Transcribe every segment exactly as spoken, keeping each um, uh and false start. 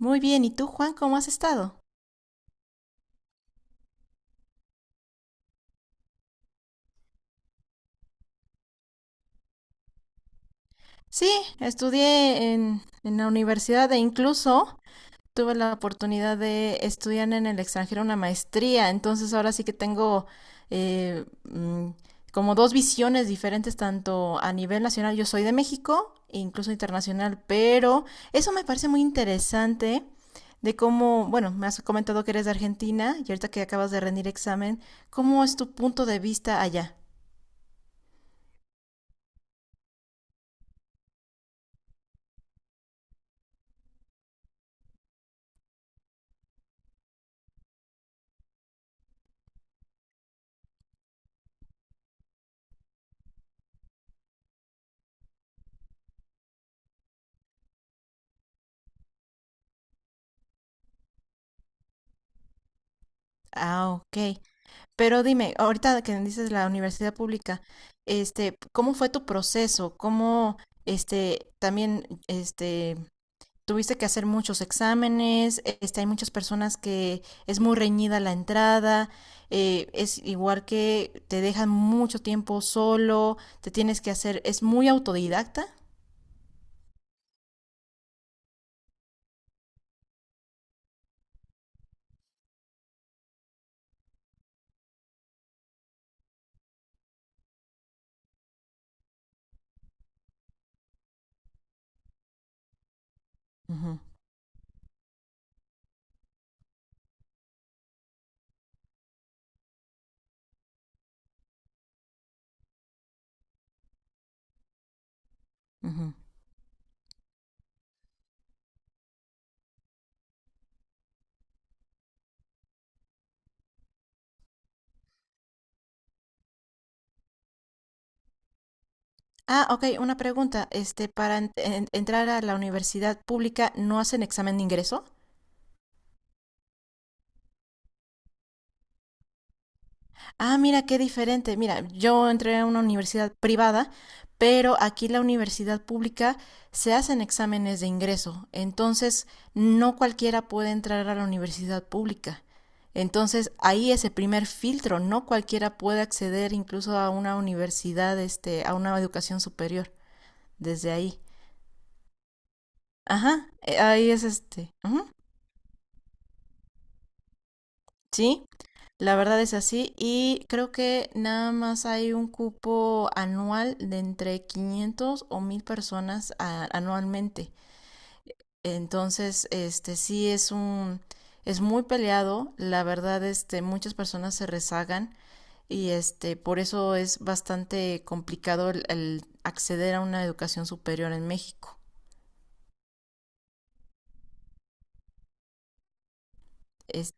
Muy bien, ¿y tú, Juan, cómo has estado? Sí, estudié en, en la universidad e incluso tuve la oportunidad de estudiar en el extranjero una maestría, entonces ahora sí que tengo eh, mm, como dos visiones diferentes, tanto a nivel nacional, yo soy de México, e incluso internacional, pero eso me parece muy interesante de cómo, bueno, me has comentado que eres de Argentina y ahorita que acabas de rendir examen, ¿cómo es tu punto de vista allá? Ah, ok. Pero dime, ahorita que dices la universidad pública, este, ¿cómo fue tu proceso? ¿Cómo, este, también, este, tuviste que hacer muchos exámenes, este, hay muchas personas que es muy reñida la entrada, eh, es igual que te dejan mucho tiempo solo, te tienes que hacer, es muy autodidacta. Ujú, ujú. Ah, okey, una pregunta, este, para en en entrar a la universidad pública, ¿no hacen examen de ingreso? Ah, mira, qué diferente. Mira, yo entré a una universidad privada, pero aquí la universidad pública se hacen exámenes de ingreso. Entonces, no cualquiera puede entrar a la universidad pública. Entonces, ahí es el primer filtro, no cualquiera puede acceder incluso a una universidad, este, a una educación superior desde ahí. Ajá, eh, ahí es, este ujú. Sí, la verdad es así y creo que nada más hay un cupo anual de entre quinientas o mil personas a- anualmente. Entonces, este sí es un es muy peleado, la verdad este muchas personas se rezagan y este por eso es bastante complicado el, el acceder a una educación superior en México. Es,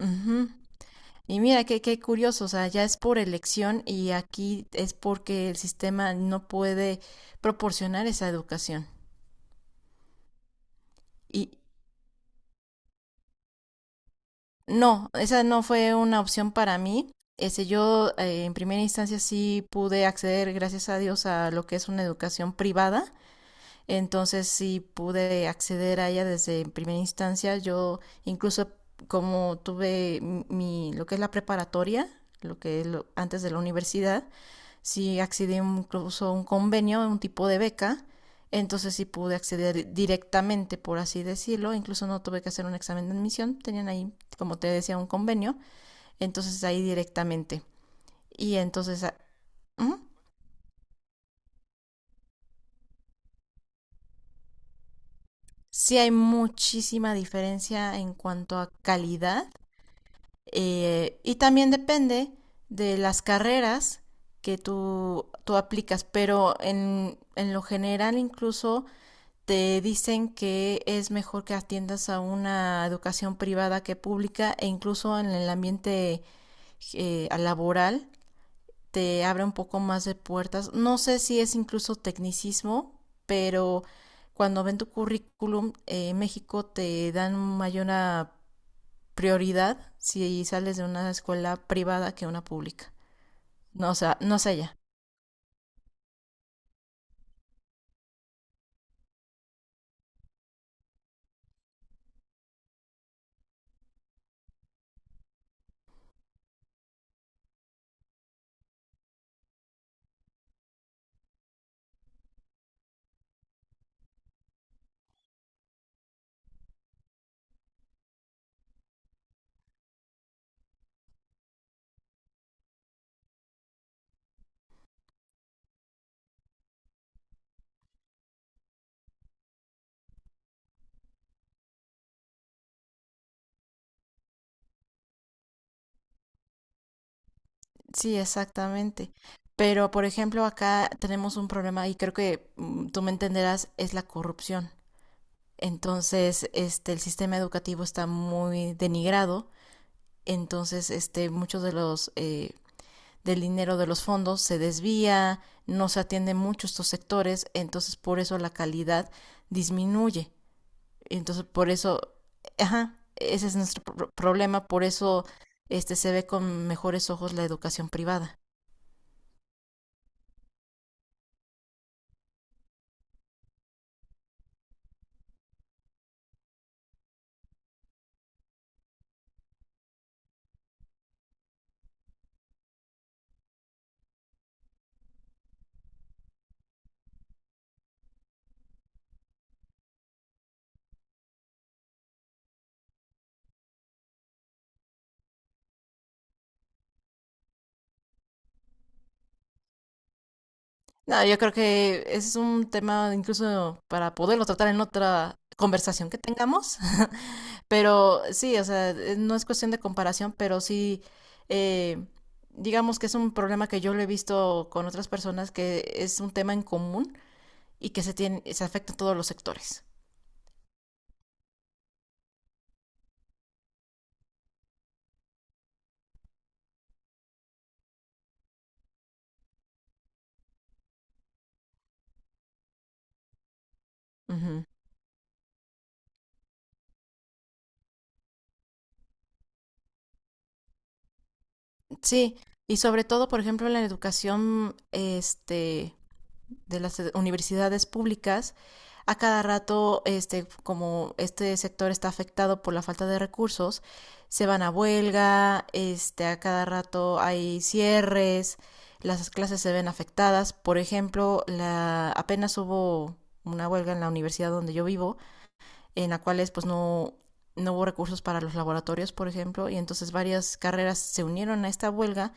Ujú. Y mira, qué, qué curioso, o sea, ya es por elección y aquí es porque el sistema no puede proporcionar esa educación. Y no, esa no fue una opción para mí. Ese, yo eh, en primera instancia sí pude acceder, gracias a Dios, a lo que es una educación privada. Entonces sí pude acceder a ella desde primera instancia. Yo incluso como tuve mi, lo que es la preparatoria, lo que es lo- antes de la universidad, sí accedí incluso a un convenio, un tipo de beca, entonces sí pude acceder directamente, por así decirlo, incluso no tuve que hacer un examen de admisión, tenían ahí, como te decía, un convenio, entonces ahí directamente. Y entonces ¿Mm? Sí hay muchísima diferencia en cuanto a calidad eh, y también depende de las carreras que tú, tú aplicas, pero en, en lo general incluso te dicen que es mejor que atiendas a una educación privada que pública e incluso en el ambiente eh, laboral te abre un poco más de puertas. No sé si es incluso tecnicismo, pero cuando ven tu currículum, eh, en México te dan mayor prioridad si sales de una escuela privada que una pública. No, o sea, no sé ya. Sí, exactamente. Pero, por ejemplo, acá tenemos un problema y creo que mm, tú me entenderás, es la corrupción. Entonces, este, el sistema educativo está muy denigrado. Entonces, este, muchos de los eh, del dinero de los fondos se desvía, no se atienden mucho estos sectores. Entonces, por eso la calidad disminuye. Entonces, por eso, ajá, ese es nuestro pro- problema. Por eso, este, se ve con mejores ojos la educación privada. No, yo creo que ese es un tema incluso para poderlo tratar en otra conversación que tengamos, pero sí, o sea, eh, no es cuestión de comparación, pero sí, eh, digamos que es un problema que yo lo he visto con otras personas, que es un tema en común y que se tiene, se afecta a todos los sectores. Ujú. Sí, y sobre todo, por ejemplo, en la educación, este, de las eh, universidades públicas, a cada rato, este, como este sector está afectado por la falta de recursos, se van a huelga, este, a cada rato hay cierres, las clases se ven afectadas. Por ejemplo, la, apenas hubo una huelga en la universidad donde yo vivo, en la cual pues no, no hubo recursos para los laboratorios, por ejemplo, y entonces varias carreras se unieron a esta huelga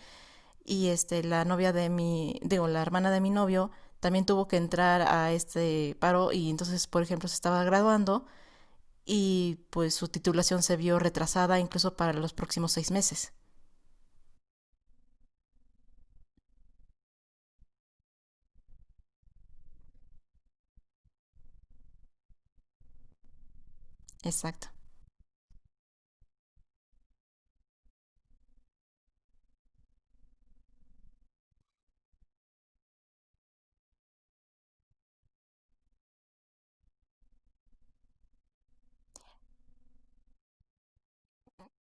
y este la novia de mi digo, la hermana de mi novio también tuvo que entrar a este paro y entonces por ejemplo se estaba graduando y pues su titulación se vio retrasada incluso para los próximos seis meses. Exacto.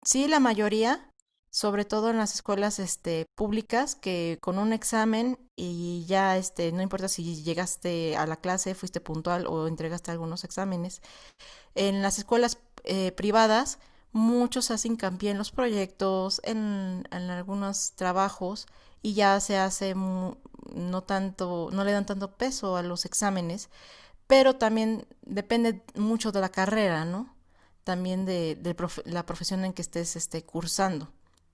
Sí, la mayoría, sobre todo en las escuelas este públicas, que con un examen y ya este no importa si llegaste a la clase, fuiste puntual o entregaste algunos exámenes. En las escuelas eh, privadas muchos hacen hincapié en los proyectos, en, en algunos trabajos y ya se hace mu- no tanto, no le dan tanto peso a los exámenes, pero también depende mucho de la carrera, ¿no? También de, de profe- la profesión en que estés este, cursando.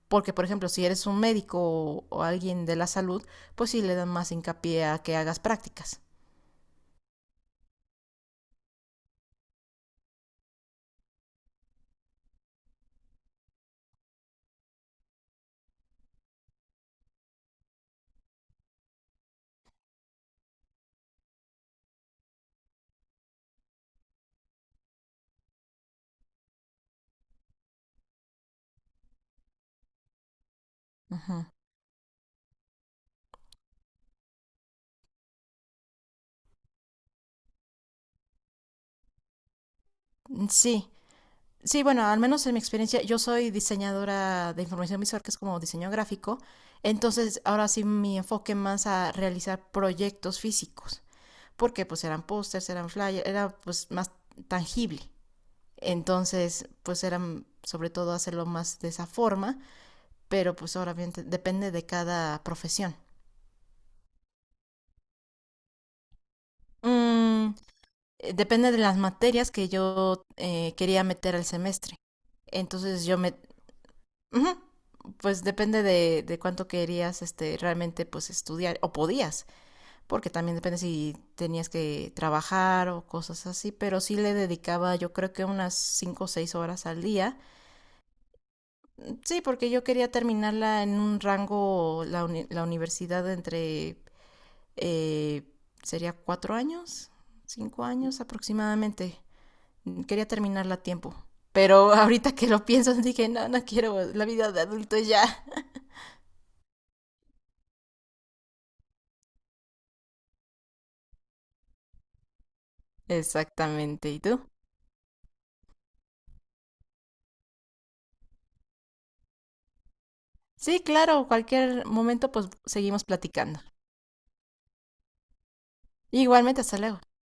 Porque, por ejemplo, si eres un médico o, o alguien de la salud, pues sí le dan más hincapié a que hagas prácticas. Ujú. Sí, Sí, bueno, al menos en mi experiencia, yo soy diseñadora de información visual, que es como diseño gráfico. Entonces, ahora sí mi enfoque más a realizar proyectos físicos, porque pues eran pósters, eran flyers, era pues más tangible. Entonces, pues eran sobre todo hacerlo más de esa forma, pero pues ahora bien te- depende de cada profesión. Mm, eh, Depende de las materias que yo eh, quería meter al semestre. Entonces yo me Ujú. Pues depende de, de cuánto querías este, realmente pues estudiar o podías, porque también depende si tenías que trabajar o cosas así, pero sí le dedicaba yo creo que unas cinco o seis horas al día. Sí, porque yo quería terminarla en un rango, la, uni- la universidad entre, eh, sería cuatro años, cinco años aproximadamente. Quería terminarla a tiempo, pero ahorita que lo pienso dije, no, no quiero la vida de adulto ya. Exactamente. ¿Y tú? Sí, claro, cualquier momento pues seguimos platicando. Igualmente, hasta luego.